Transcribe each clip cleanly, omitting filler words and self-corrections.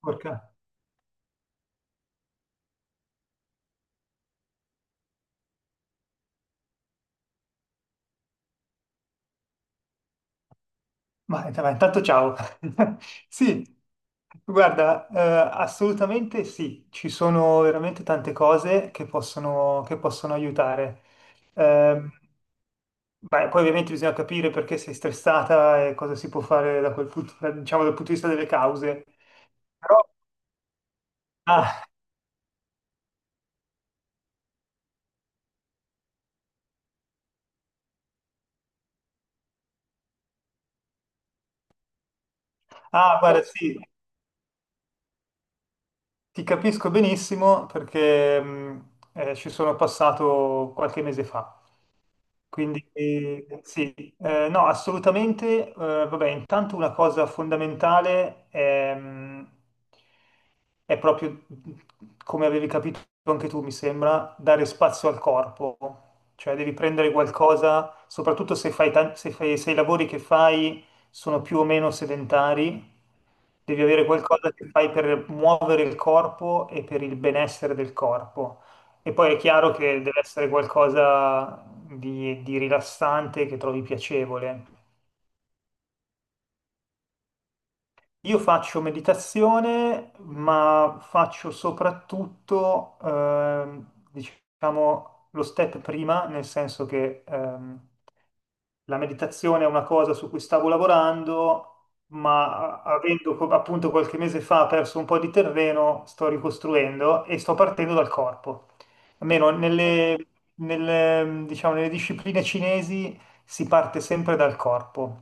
Porca. Ma intanto ciao. Sì, guarda, assolutamente sì, ci sono veramente tante cose che possono aiutare. Ehm, Beh, poi ovviamente bisogna capire perché sei stressata e cosa si può fare da quel punto, diciamo, dal punto di vista delle cause. Però, ah, guarda, sì, ti capisco benissimo perché ci sono passato qualche mese fa. Quindi sì. No, assolutamente. Vabbè, intanto una cosa fondamentale è, proprio, come avevi capito anche tu, mi sembra, dare spazio al corpo. Cioè devi prendere qualcosa, soprattutto se fai, se i lavori che fai sono più o meno sedentari, devi avere qualcosa che fai per muovere il corpo e per il benessere del corpo. E poi è chiaro che deve essere qualcosa di rilassante che trovi piacevole. Io faccio meditazione, ma faccio soprattutto, diciamo, lo step prima, nel senso che la meditazione è una cosa su cui stavo lavorando, ma avendo appunto qualche mese fa perso un po' di terreno, sto ricostruendo e sto partendo dal corpo. Almeno diciamo, nelle discipline cinesi si parte sempre dal corpo,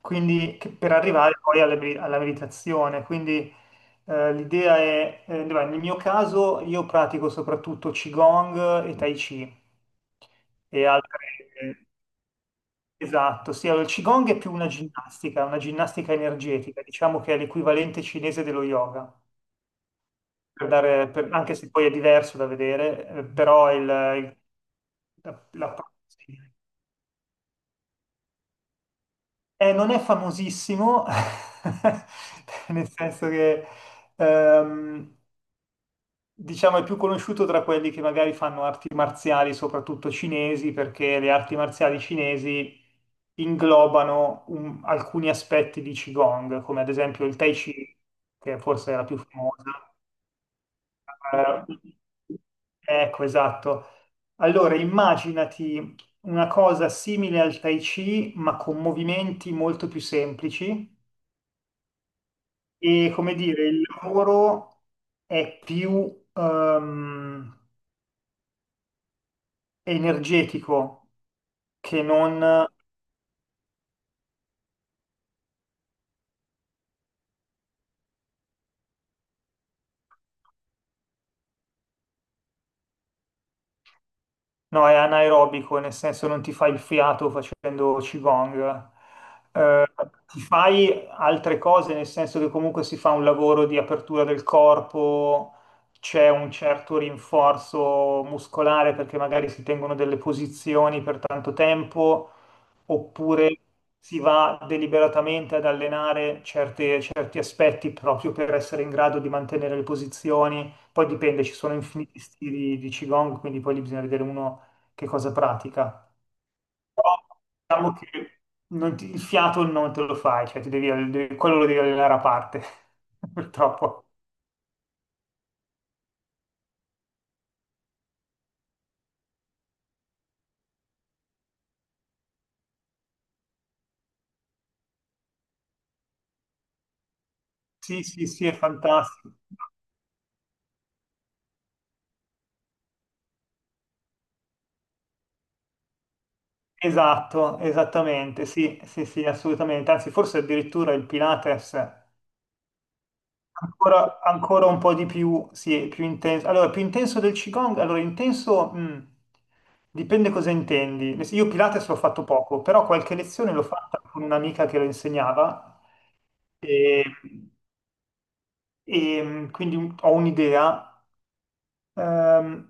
quindi per arrivare poi alla meditazione. Quindi l'idea è, beh, nel mio caso io pratico soprattutto Qigong e Tai Chi e altre. eh, Esatto, sì, allora il Qigong è più una ginnastica energetica, diciamo che è l'equivalente cinese dello yoga, anche se poi è diverso da vedere, però il- la- la- non è famosissimo, nel senso che ehm, diciamo, è più conosciuto tra quelli che magari fanno arti marziali, soprattutto cinesi, perché le arti marziali cinesi inglobano alcuni aspetti di Qigong, come ad esempio il Tai Chi, che forse è la più famosa. Eh, ecco, esatto. Allora, immaginati una cosa simile al Tai Chi, ma con movimenti molto più semplici e, come dire, il lavoro è più, energetico che Mm. non. No, è anaerobico, nel senso non ti fai il fiato facendo Qigong. Eh, Ti fai altre cose, nel senso che comunque si fa un lavoro di apertura del corpo, c'è un certo rinforzo muscolare perché magari si tengono delle posizioni per tanto tempo, oppure si va deliberatamente ad allenare certi aspetti proprio per essere in grado di mantenere le posizioni. Poi dipende, ci sono infiniti stili di Qigong, quindi poi lì bisogna vedere uno che cosa pratica. Però diciamo che non ti- il fiato non te lo fai, cioè ti devi, quello lo devi allenare a parte, purtroppo. Sì, sì, sì, è fantastico. Esatto, esattamente, sì, sì, sì, assolutamente. Anzi, forse addirittura il Pilates ancora, ancora un po' di più, sì, è più intenso. Allora, più intenso del Qigong? Allora, intenso, dipende cosa intendi. Io Pilates l'ho fatto poco, però qualche lezione l'ho fatta con un'amica che lo insegnava e quindi ho un'idea. Ehm,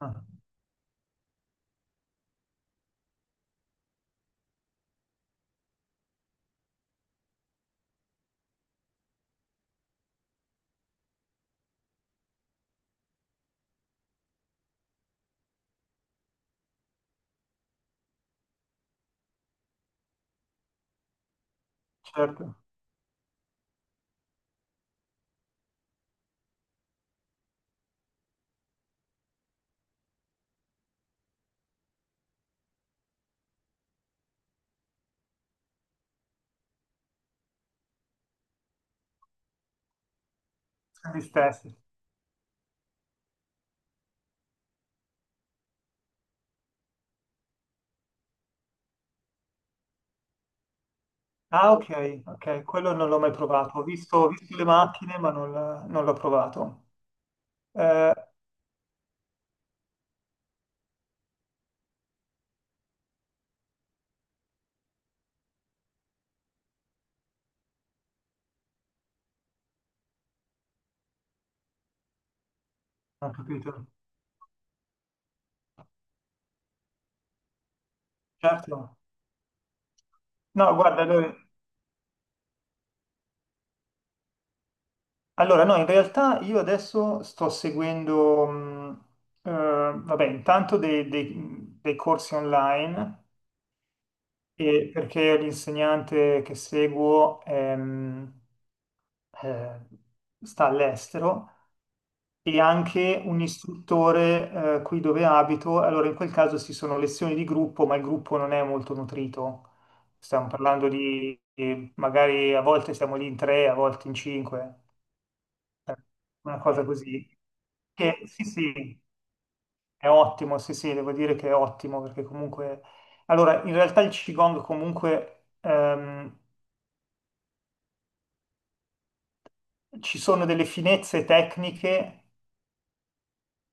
ah, certo, gli stessi. Ah, ok, ok, quello non l'ho mai provato. Ho visto le macchine, ma non, non l'ho provato. Eh, Ho capito. Certo. No, guarda, no, in realtà io adesso sto seguendo, vabbè, intanto dei corsi online. E perché l'insegnante che seguo eh, sta all'estero e anche un istruttore qui dove abito. Allora, in quel caso ci sono lezioni di gruppo, ma il gruppo non è molto nutrito. Stiamo parlando di magari a volte siamo lì in tre, a volte in cinque, eh, una cosa così. Che sì, sì, è ottimo, sì, sì, devo dire che è ottimo perché comunque... Allora, in realtà il Qigong comunque ci sono delle finezze tecniche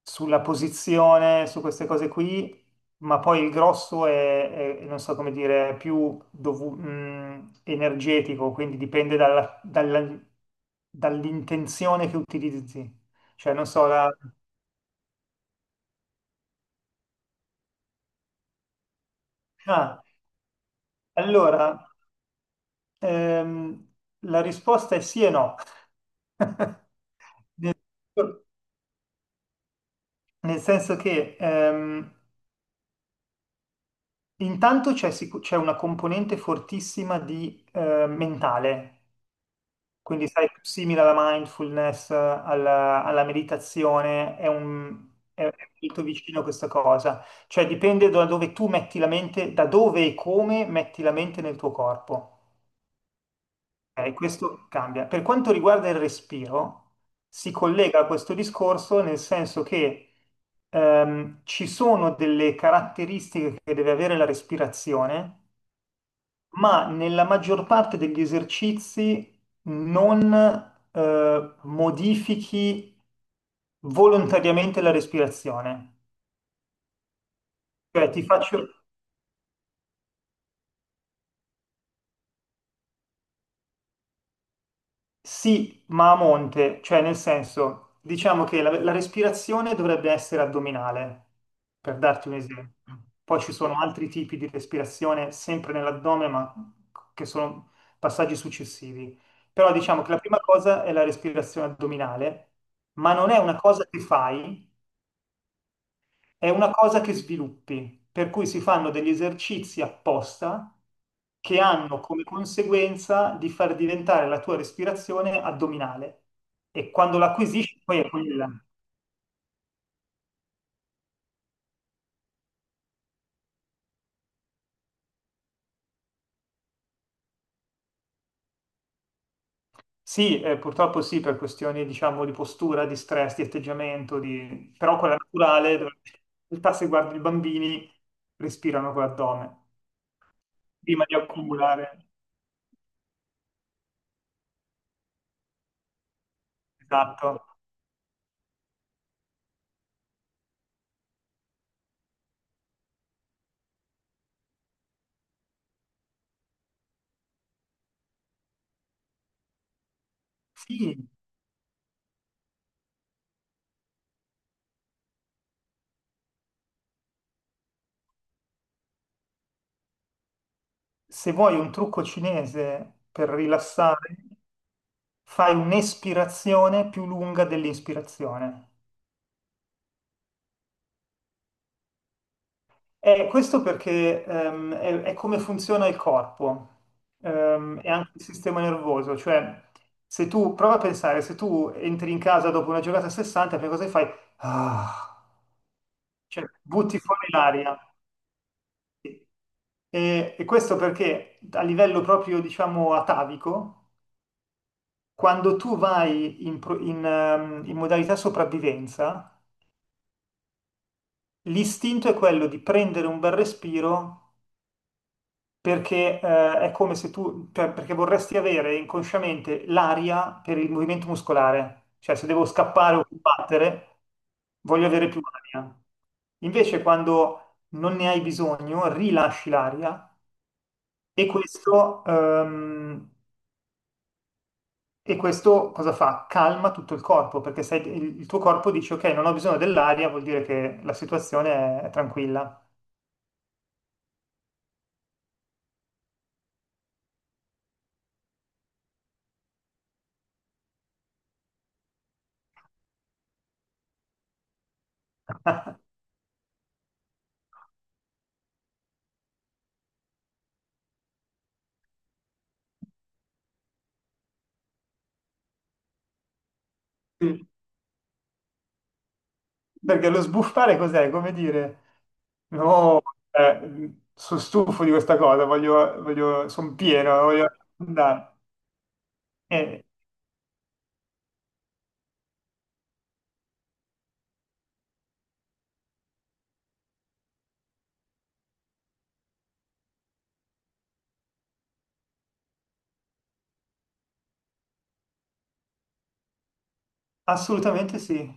sulla posizione, su queste cose qui, ma poi il grosso è, non so come dire, è più energetico, quindi dipende dall'intenzione che utilizzi. Cioè, non so, la... Ah, allora, ehm, la risposta è sì e no. Nel nel senso che intanto c'è una componente fortissima di mentale, quindi sai, simile alla mindfulness, alla meditazione, è è molto vicino a questa cosa, cioè dipende da dove tu metti la mente, da dove e come metti la mente nel tuo corpo. Ok, questo cambia. Per quanto riguarda il respiro, si collega a questo discorso nel senso che ci sono delle caratteristiche che deve avere la respirazione, ma nella maggior parte degli esercizi non modifichi volontariamente la respirazione. Cioè, ti faccio sì, ma a monte, cioè nel senso, diciamo che la respirazione dovrebbe essere addominale, per darti un esempio. Poi ci sono altri tipi di respirazione sempre nell'addome, ma che sono passaggi successivi. Però diciamo che la prima cosa è la respirazione addominale, ma non è una cosa che fai. È una cosa che sviluppi, per cui si fanno degli esercizi apposta che hanno come conseguenza di far diventare la tua respirazione addominale. E quando l'acquisisci, poi è quella. Sì, purtroppo sì, per questioni, diciamo, di postura, di stress, di atteggiamento, di... però quella naturale, dove in realtà se guardi i bambini, respirano con l'addome, prima di accumulare. Esatto. Sì, se vuoi un trucco cinese per rilassare, fai un'espirazione più lunga dell'inspirazione. E questo perché è come funziona il corpo e anche il sistema nervoso, cioè se tu prova a pensare, se tu entri in casa dopo una giornata a 60, prima cosa che fai? Ah, cioè butti fuori l'aria. E questo perché a livello proprio, diciamo, atavico, quando tu vai in modalità sopravvivenza, l'istinto è quello di prendere un bel respiro perché è come se tu, cioè, perché vorresti avere inconsciamente l'aria per il movimento muscolare, cioè se devo scappare o combattere, voglio avere più aria. Invece quando non ne hai bisogno, rilasci l'aria e questo, ehm, e questo cosa fa? Calma tutto il corpo, perché il tuo corpo dice ok, non ho bisogno dell'aria, vuol dire che la situazione è tranquilla. Mm. Perché lo sbuffare cos'è? Come dire, no, sono stufo di questa cosa, voglio, voglio, sono pieno, voglio andare. Eh, assolutamente sì.